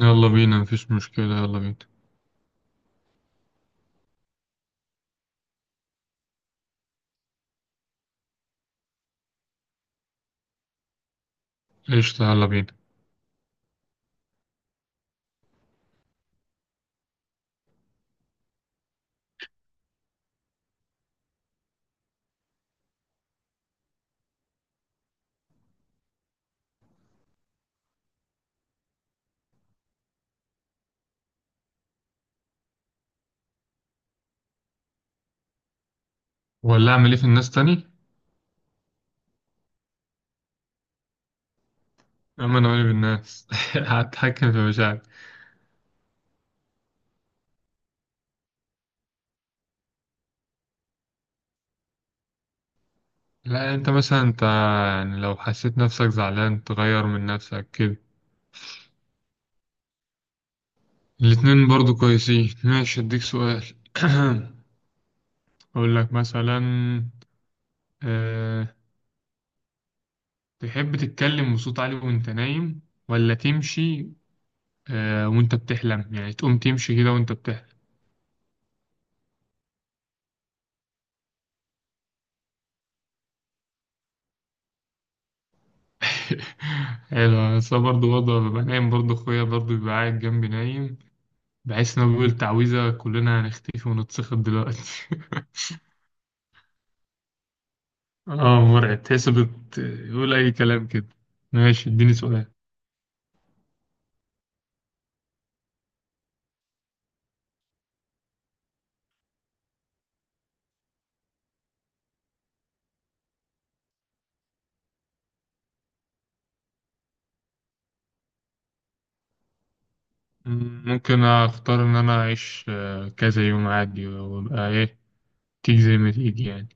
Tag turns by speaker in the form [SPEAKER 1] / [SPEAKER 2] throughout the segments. [SPEAKER 1] يلا بينا، مفيش مشكلة، يلا بينا. قشطة، يلا بينا. ولا أعمل إيه في الناس تاني؟ أما أنا مالي بالناس هتحكم في مشاعري. لا أنت مثلا أنت، يعني لو حسيت نفسك زعلان تغير من نفسك كده. الاتنين برضو كويسين، ماشي أديك سؤال. أقول لك مثلا، أه... تحب تتكلم بصوت عالي وأنت نايم، ولا تمشي وأنت بتحلم، يعني تقوم تمشي كده وأنت بتحلم. حلو، بس أنا برضه ببقى نايم، برضه أخويا برضه بيبقى قاعد جنبي نايم. بحس إن هو بيقول تعويذة كلنا هنختفي ونتسخط دلوقتي. آه مرعب، تحس يقول أي كلام كده. ماشي اديني سؤال. ممكن أختار إن أنا أعيش، كذا يوم عادي وأبقى إيه، تيجي زي ما تيجي يعني.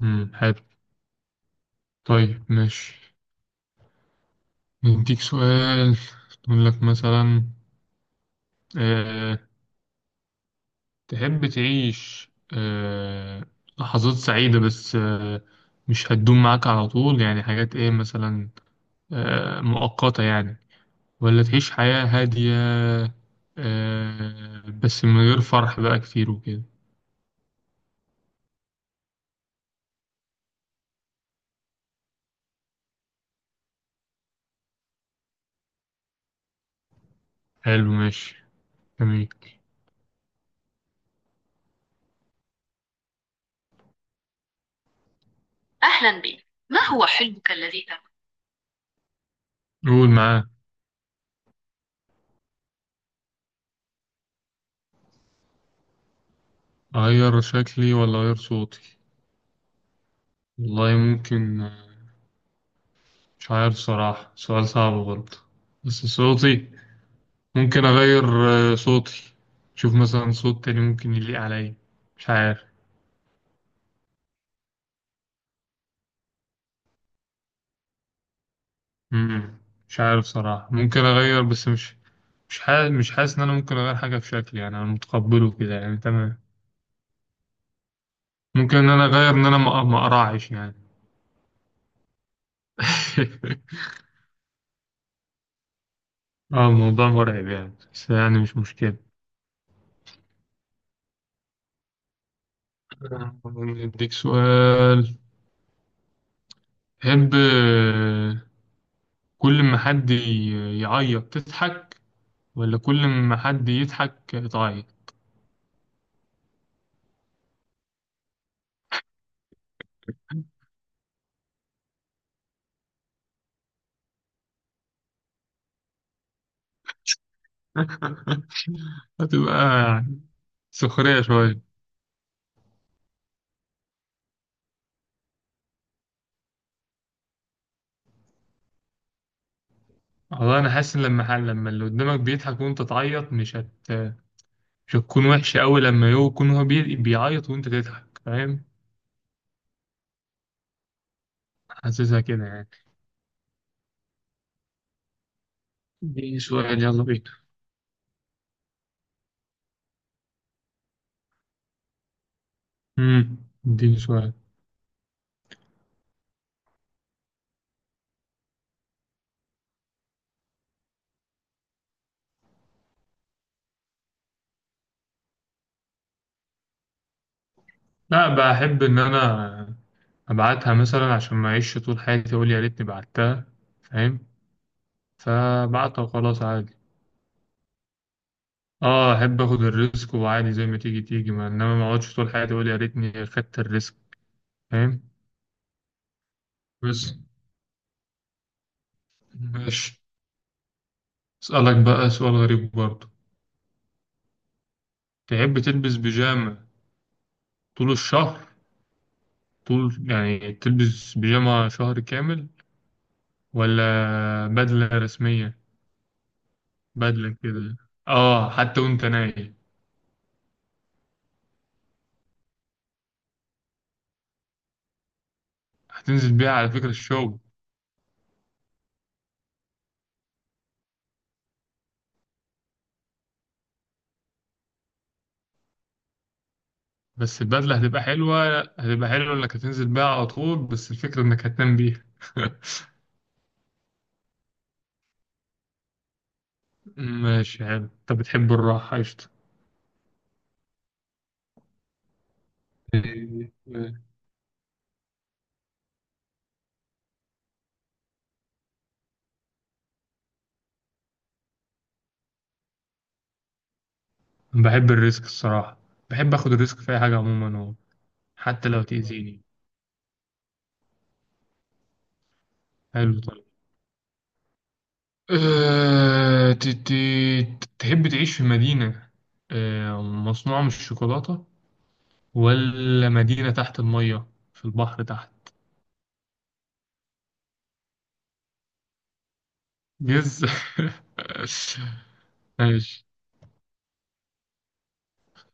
[SPEAKER 1] حلو. طيب ماشي، نديك سؤال. نقول لك مثلا، آه، تحب تعيش آه، لحظات سعيدة بس، مش هتدوم معاك على طول يعني، حاجات ايه مثلا، مؤقتة يعني، ولا تعيش حياة هادية بس من غير فرح بقى كتير وكده. حلو ماشي، جميل. أهلا بك، ما هو حلمك الذي تبغى؟ قول معاه. أغير شكلي ولا أغير صوتي؟ والله ممكن، مش عارف صراحة، سؤال صعب برضه. بس صوتي ممكن أغير، صوتي. شوف مثلا صوت تاني ممكن يليق عليا، مش عارف. مم. مش عارف صراحة، ممكن أغير بس مش مش حاسس مش حاسس إن أنا ممكن أغير حاجة في شكلي، يعني أنا متقبله كده يعني، تمام. ممكن إن أنا أغير إن أنا ما أقرعش يعني. اه الموضوع مرعب يعني، بس يعني مش مشكلة. نديك سؤال. تحب، كل ما حد يعيط تضحك، ولا كل ما حد يضحك تعيط؟ هتبقى سخرية شوية. والله أنا حاسس إن لما اللي قدامك بيضحك وأنت تعيط، مش هتكون وحشة أوي لما يكون هو بيعيط وأنت تضحك، فاهم؟ حاسسها كده يعني. اديني سؤال يلا بينا. امم، اديني سؤال. لا، بحب إن أنا أبعتها مثلا، عشان ما أعيش طول حياتي أقول يا ريتني بعتها، فاهم؟ فبعتها وخلاص عادي. اه احب اخد الريسك وعادي، زي ما تيجي تيجي، ما اقعدش طول حياتي اقول يا ريتني خدت الريسك، فاهم؟ بس ماشي، أسألك بقى سؤال غريب برضه. تحب تلبس بيجامة طول الشهر، طول يعني تلبس بيجامة شهر كامل، ولا بدلة رسمية، بدلة كده، اه حتى وانت نايم؟ هتنزل بيها على فكرة الشغل. بس البدلة هتبقى حلوة، هتبقى حلوة انك هتنزل بيها على طول، بس الفكرة انك هتنام بيها. ماشي حلو، انت بتحب الراحة، قشطة. إيه، إيه. بحب الريسك الصراحة، بحب اخد الريسك في اي حاجة عموما، هو حتى لو تأذيني. حلو. أه... ت... ت... تحب تعيش في مدينة مصنوعة من الشوكولاتة، ولا مدينة تحت المية، في البحر تحت؟ جز. ماشي،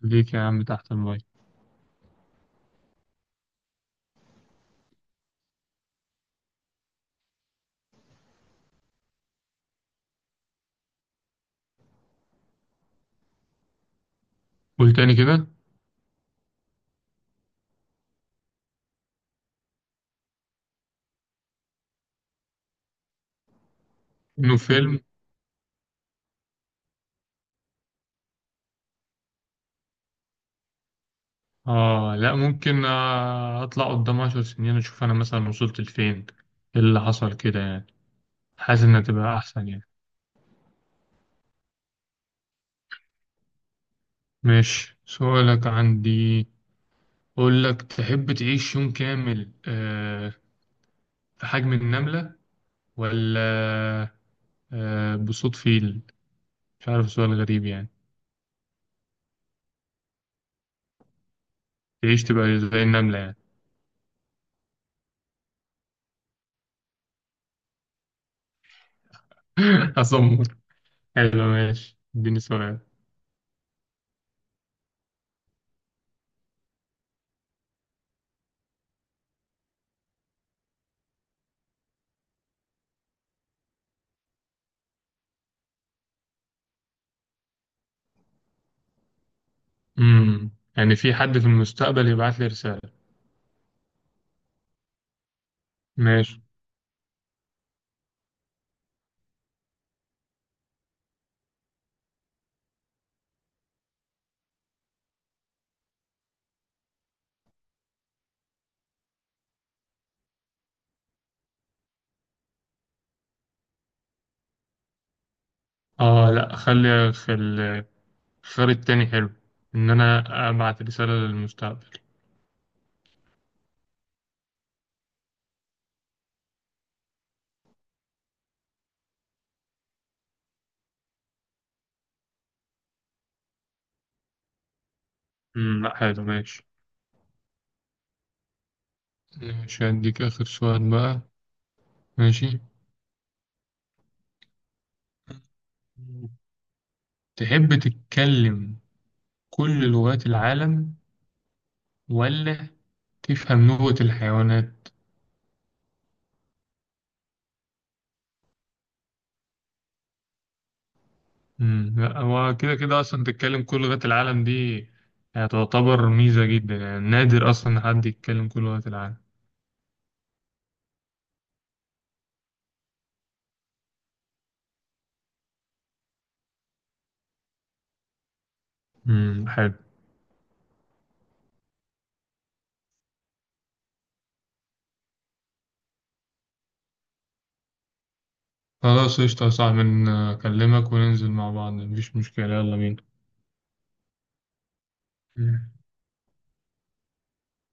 [SPEAKER 1] ليك يا عم تحت المية. قول تاني كده. انه فيلم. اه لا، ممكن اطلع قدام 10 سنين اشوف انا مثلا وصلت لفين، ايه اللي حصل كده يعني، حاسس انها تبقى احسن يعني. ماشي سؤالك عندي. أقول لك، تحب تعيش يوم كامل آه، في حجم النملة، ولا بصوت فيل؟ مش عارف، سؤال غريب يعني. تعيش تبقى زي النملة يعني. أصمر. حلو ماشي، اديني سؤال. امم، يعني في حد في المستقبل يبعت لي رسالة؟ ماشي. اه لا، خلي في الخيار التاني حلو، ان انا ابعت رسالة للمستقبل. امم، لا حلو ماشي. ماشي، هديك اخر سؤال بقى. ماشي، تحب تتكلم كل لغات العالم، ولا تفهم نوبة الحيوانات؟ مم. لا، هو كده كده أصلا تتكلم كل لغات العالم دي، يعني تعتبر ميزة جدا يعني، نادر أصلا إن حد يتكلم كل لغات العالم. مم. حلو. خلاص قشطة يا صاحبي، أكلمك وننزل مع بعض، مفيش مشكلة، يلا بينا. مم.